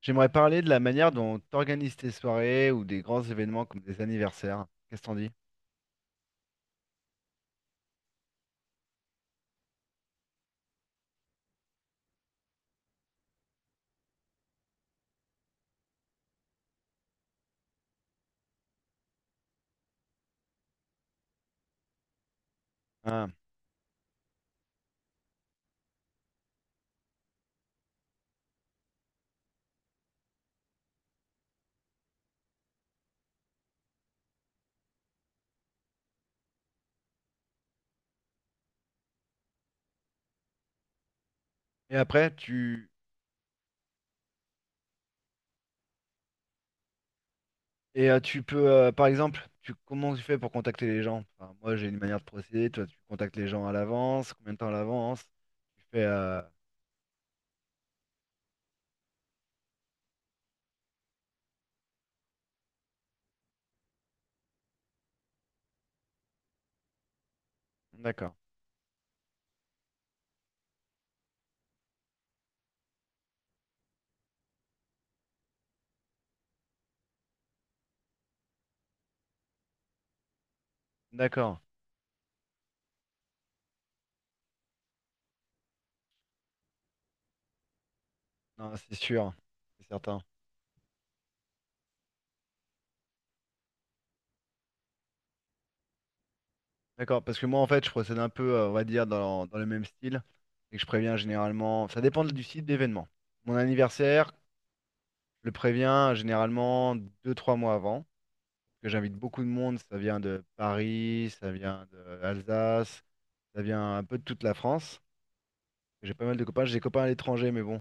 J'aimerais parler de la manière dont tu organises tes soirées ou des grands événements comme des anniversaires. Qu'est-ce que t'en dis? Ah. Et après, tu tu peux, par exemple, tu comment tu fais pour contacter les gens? Enfin, moi, j'ai une manière de procéder. Toi, tu contactes les gens à l'avance. Combien de temps à l'avance? Tu fais. D'accord. D'accord. Non, c'est sûr, c'est certain. D'accord, parce que moi, en fait, je procède un peu, on va dire, dans le même style et que je préviens généralement. Ça dépend du site d'événement. Mon anniversaire, je le préviens généralement deux trois mois avant, que j'invite beaucoup de monde. Ça vient de Paris, ça vient d'Alsace, ça vient un peu de toute la France. J'ai pas mal de copains. J'ai des copains à l'étranger, mais bon,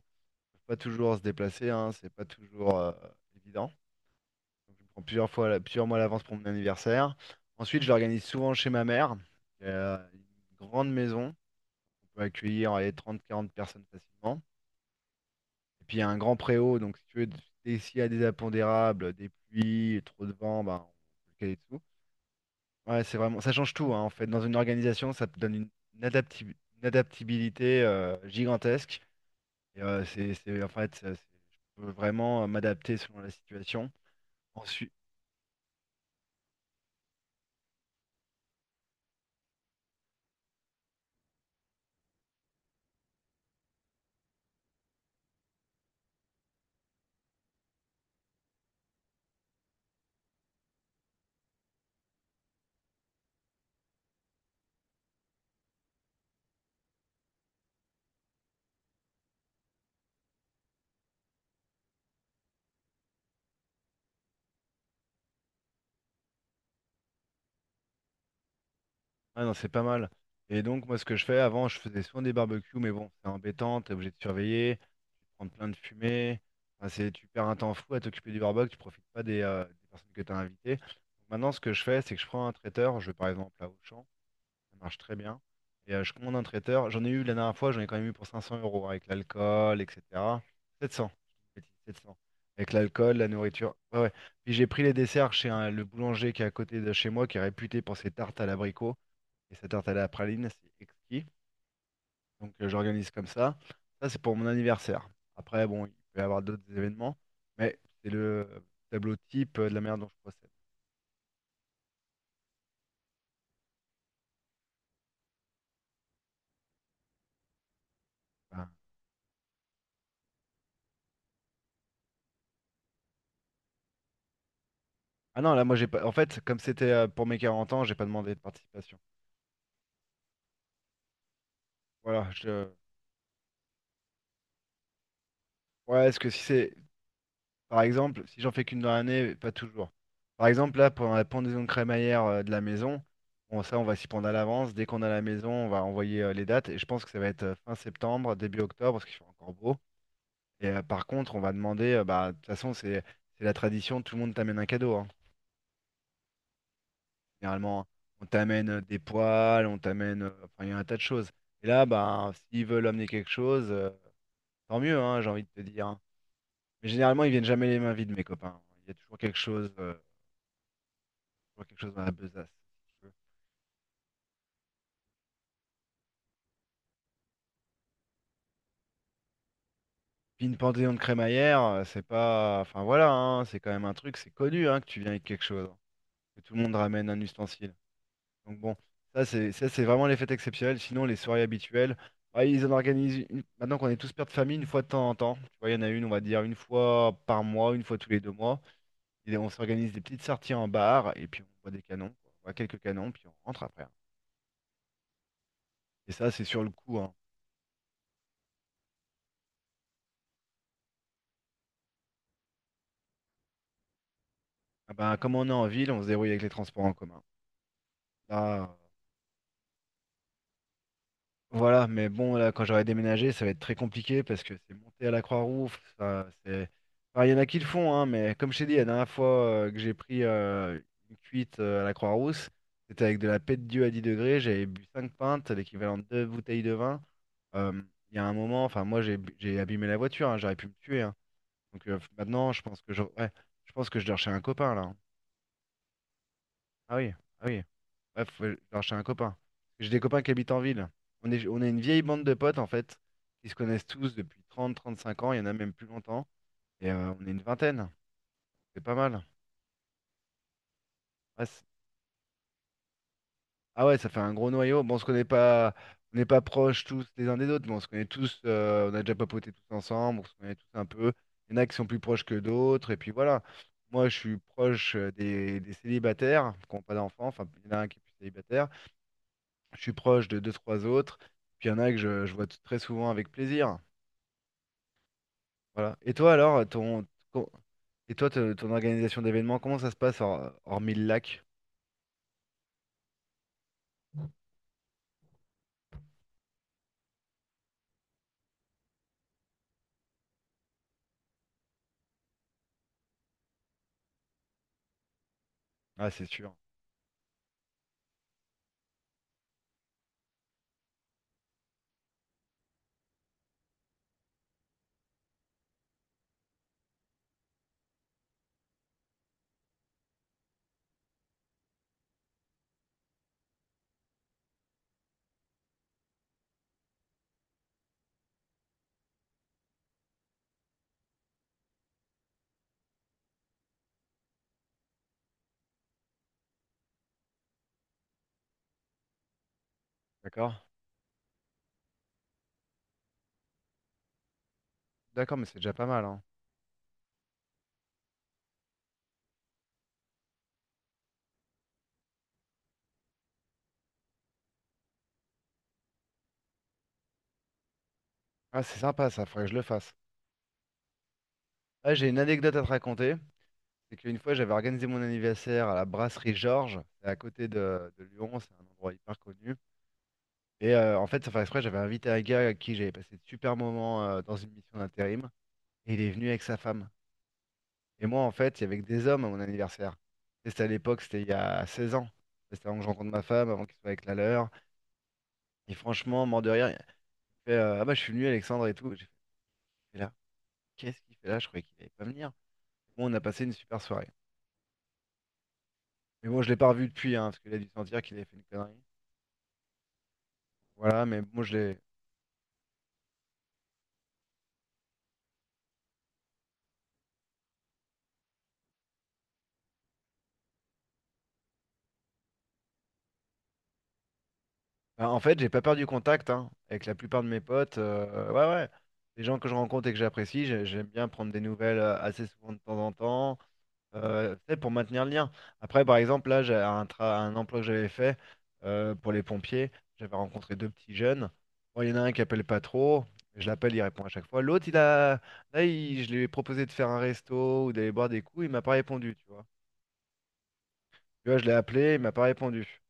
faut pas toujours se déplacer, hein, c'est pas toujours évident. Donc, je me prends plusieurs fois, plusieurs mois à l'avance pour mon anniversaire. Ensuite, je l'organise souvent chez ma mère, qui a une grande maison. On peut accueillir allez, 30-40 personnes facilement. Et puis, il y a un grand préau, donc si tu veux, s'il y a des impondérables, des pluies, trop de vent, ben, on peut le caler dessous. Ouais, c'est vraiment, ça change tout, hein, en fait. Dans une organisation, ça te donne une adapti- une adaptabilité gigantesque. Et, c'est- je peux vraiment m'adapter selon la situation. Ensuite, ah non, c'est pas mal. Et donc, moi, ce que je fais, avant, je faisais souvent des barbecues, mais bon, c'est embêtant, t'es obligé de surveiller, prendre plein de fumée. Enfin, c'est, tu perds un temps fou à t'occuper du barbecue, tu profites pas des personnes que t'as invitées. Maintenant, ce que je fais, c'est que je prends un traiteur, je vais par exemple à Auchan. Ça marche très bien. Et je commande un traiteur. J'en ai eu la dernière fois, j'en ai quand même eu pour 500 euros avec l'alcool, etc. 700. Je dis une bêtise, 700. Avec l'alcool, la nourriture. Ouais, ouais. Puis j'ai pris les desserts chez le boulanger qui est à côté de chez moi, qui est réputé pour ses tartes à l'abricot et sa tarte à la praline. C'est exquis. Donc j'organise comme ça. Ça, c'est pour mon anniversaire. Après, bon, il peut y avoir d'autres événements, mais c'est le tableau type de la manière dont je procède. Enfin, ah non, là, moi, j'ai pas. En fait, comme c'était pour mes 40 ans, j'ai pas demandé de participation. Voilà, je... Ouais, est-ce que si c'est... Par exemple, si j'en fais qu'une dans l'année, pas toujours. Par exemple, là, pendant la pendaison de crémaillère de la maison, bon, ça, on va s'y prendre à l'avance. Dès qu'on a la maison, on va envoyer les dates. Et je pense que ça va être fin septembre, début octobre, parce qu'il fait encore beau. Et par contre, on va demander... bah, de toute façon, c'est la tradition, tout le monde t'amène un cadeau, hein. Généralement, on t'amène des poils, on t'amène... enfin, il y a un tas de choses. Et là, bah, s'ils veulent amener quelque chose, tant mieux, hein, j'ai envie de te dire, hein. Mais généralement, ils viennent jamais les mains vides, mes copains. Il y a toujours quelque chose dans la besace, si tu veux. Puis une panthéon de crémaillère, c'est pas. Enfin voilà, hein, c'est quand même un truc, c'est connu hein, que tu viens avec quelque chose, hein, que tout le monde ramène un ustensile. Donc bon, ça c'est vraiment les fêtes exceptionnelles. Sinon, les soirées habituelles, bah, ils en organisent maintenant qu'on est tous pères de famille, une fois de temps en temps. Tu vois, il y en a une, on va dire une fois par mois, une fois tous les 2 mois. Et on s'organise des petites sorties en bar et puis on boit des canons, quoi. On boit quelques canons, puis on rentre après, hein. Et ça, c'est sur le coup, hein. Ah ben, comme on est en ville, on se débrouille avec les transports en commun. Là, voilà, mais bon, là, quand j'aurai déménagé, ça va être très compliqué parce que c'est monter à la Croix-Rouge, ça, c'est... Enfin, il y en a qui le font, hein, mais comme je t'ai dit, la dernière fois que j'ai pris une cuite à la Croix-Rousse, c'était avec de la paix de Dieu à 10 degrés, j'avais bu 5 pintes, l'équivalent de 2 bouteilles de vin. Euh, Il y a un moment, enfin, moi, j'ai abîmé la voiture, hein, j'aurais pu me tuer, hein. Donc maintenant, je pense que je... ouais, je pense que je dors chez un copain, là, hein. Ah oui, ah oui. Bref, genre chez un copain. J'ai des copains qui habitent en ville. On est une vieille bande de potes, en fait, qui se connaissent tous depuis 30, 35 ans. Il y en a même plus longtemps. Et on est une vingtaine. C'est pas mal. Ouais, ah ouais, ça fait un gros noyau. Bon, on se connaît pas, on n'est pas proches tous les uns des autres, mais on se connaît tous. On a déjà papoté tous ensemble. On se connaît tous un peu. Il y en a qui sont plus proches que d'autres. Et puis voilà. Moi, je suis proche des célibataires qui n'ont pas d'enfants. Enfin, il y en a un qui est plus célibataire. Je suis proche de deux, trois autres. Puis il y en a que je vois très souvent avec plaisir. Voilà. Et toi alors, ton- et toi, ton organisation d'événements, comment ça se passe hormis le lac? Ah, c'est sûr. D'accord. D'accord, mais c'est déjà pas mal, hein. Ah, c'est sympa, ça, faudrait que je le fasse. Ah, j'ai une anecdote à te raconter. C'est qu'une fois, j'avais organisé mon anniversaire à la brasserie Georges, c'est à côté de Lyon, c'est un endroit hyper connu. Et en fait, sans faire exprès, j'avais invité un gars à qui j'avais passé de super moments dans une mission d'intérim. Et il est venu avec sa femme. Et moi, en fait, il y avait que des hommes à mon anniversaire. Et c'était à l'époque, c'était il y a 16 ans. C'était avant que je rencontre ma femme, avant qu'il soit avec la leur. Et franchement, mort de rire, il fait ah bah, je suis venu, Alexandre et tout. J'ai fait, il est là. Qu'est-ce qu'il fait là? Je croyais qu'il allait pas venir. Bon, on a passé une super soirée. Mais bon, je l'ai pas revu depuis, hein, parce qu'il a dû sentir qu'il avait fait une connerie. Voilà, mais moi, je l'ai. Bah, en fait, j'ai pas perdu contact hein, avec la plupart de mes potes. Ouais, ouais. Les gens que je rencontre et que j'apprécie, j'aime bien prendre des nouvelles assez souvent de temps en temps. Tu sais, pour maintenir le lien. Après, par exemple, là, j'ai un emploi que j'avais fait pour les pompiers. J'avais rencontré deux petits jeunes. Bon, il y en a un qui appelle pas trop. Je l'appelle, il répond à chaque fois. L'autre, il a... Là, je lui ai proposé de faire un resto ou d'aller boire des coups. Il m'a pas répondu, tu vois. Tu vois, je l'ai appelé, il m'a pas répondu.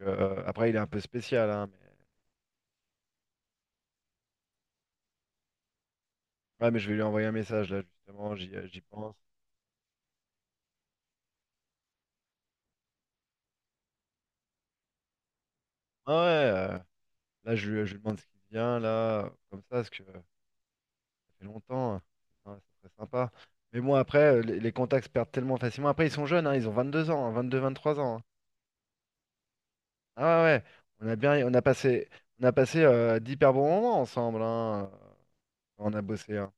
Donc, après, il est un peu spécial, hein, mais... Ouais, mais je vais lui envoyer un message, là, justement, j'y pense. Ah ouais, là, je lui demande ce qu'il vient, là, comme ça, parce que... fait longtemps, hein. Ah, ça serait sympa. Mais bon, après, les contacts se perdent tellement facilement. Après, ils sont jeunes, hein, ils ont 22 ans, hein, 22, 23 ans, hein. Ah ouais, ouais. On a bien, on a passé d'hyper bons moments ensemble, hein, quand on a bossé, hein.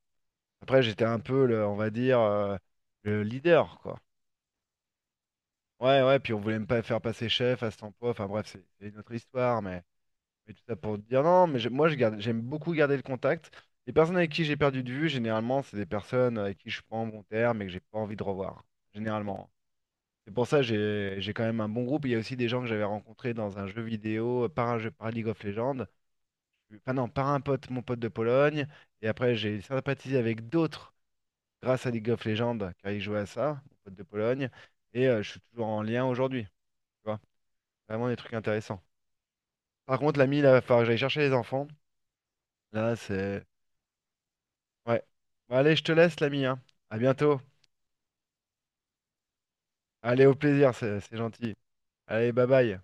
Après, j'étais un peu, on va dire, le leader, quoi. Ouais, ouais. Puis on voulait me pas faire passer chef à cet emploi. Enfin bref, c'est une autre histoire, mais. Mais tout ça pour dire non, mais moi je garde, j'aime beaucoup garder le contact. Les personnes avec qui j'ai perdu de vue, généralement, c'est des personnes avec qui je suis pas en bon terme et que j'ai pas envie de revoir. Généralement. C'est pour ça que j'ai quand même un bon groupe. Il y a aussi des gens que j'avais rencontrés dans un jeu vidéo, par un jeu, par League of Legends. Enfin non, par un pote, mon pote de Pologne. Et après, j'ai sympathisé avec d'autres grâce à League of Legends, car ils jouaient à ça, mon pote de Pologne. Et je suis toujours en lien aujourd'hui. Tu vois, vraiment des trucs intéressants. Par contre, l'ami, là, il va falloir que j'aille chercher les enfants. Là, c'est. Ouais. Bon, allez, je te laisse, l'ami, hein. À bientôt. Allez, au plaisir, c'est gentil. Allez, bye bye.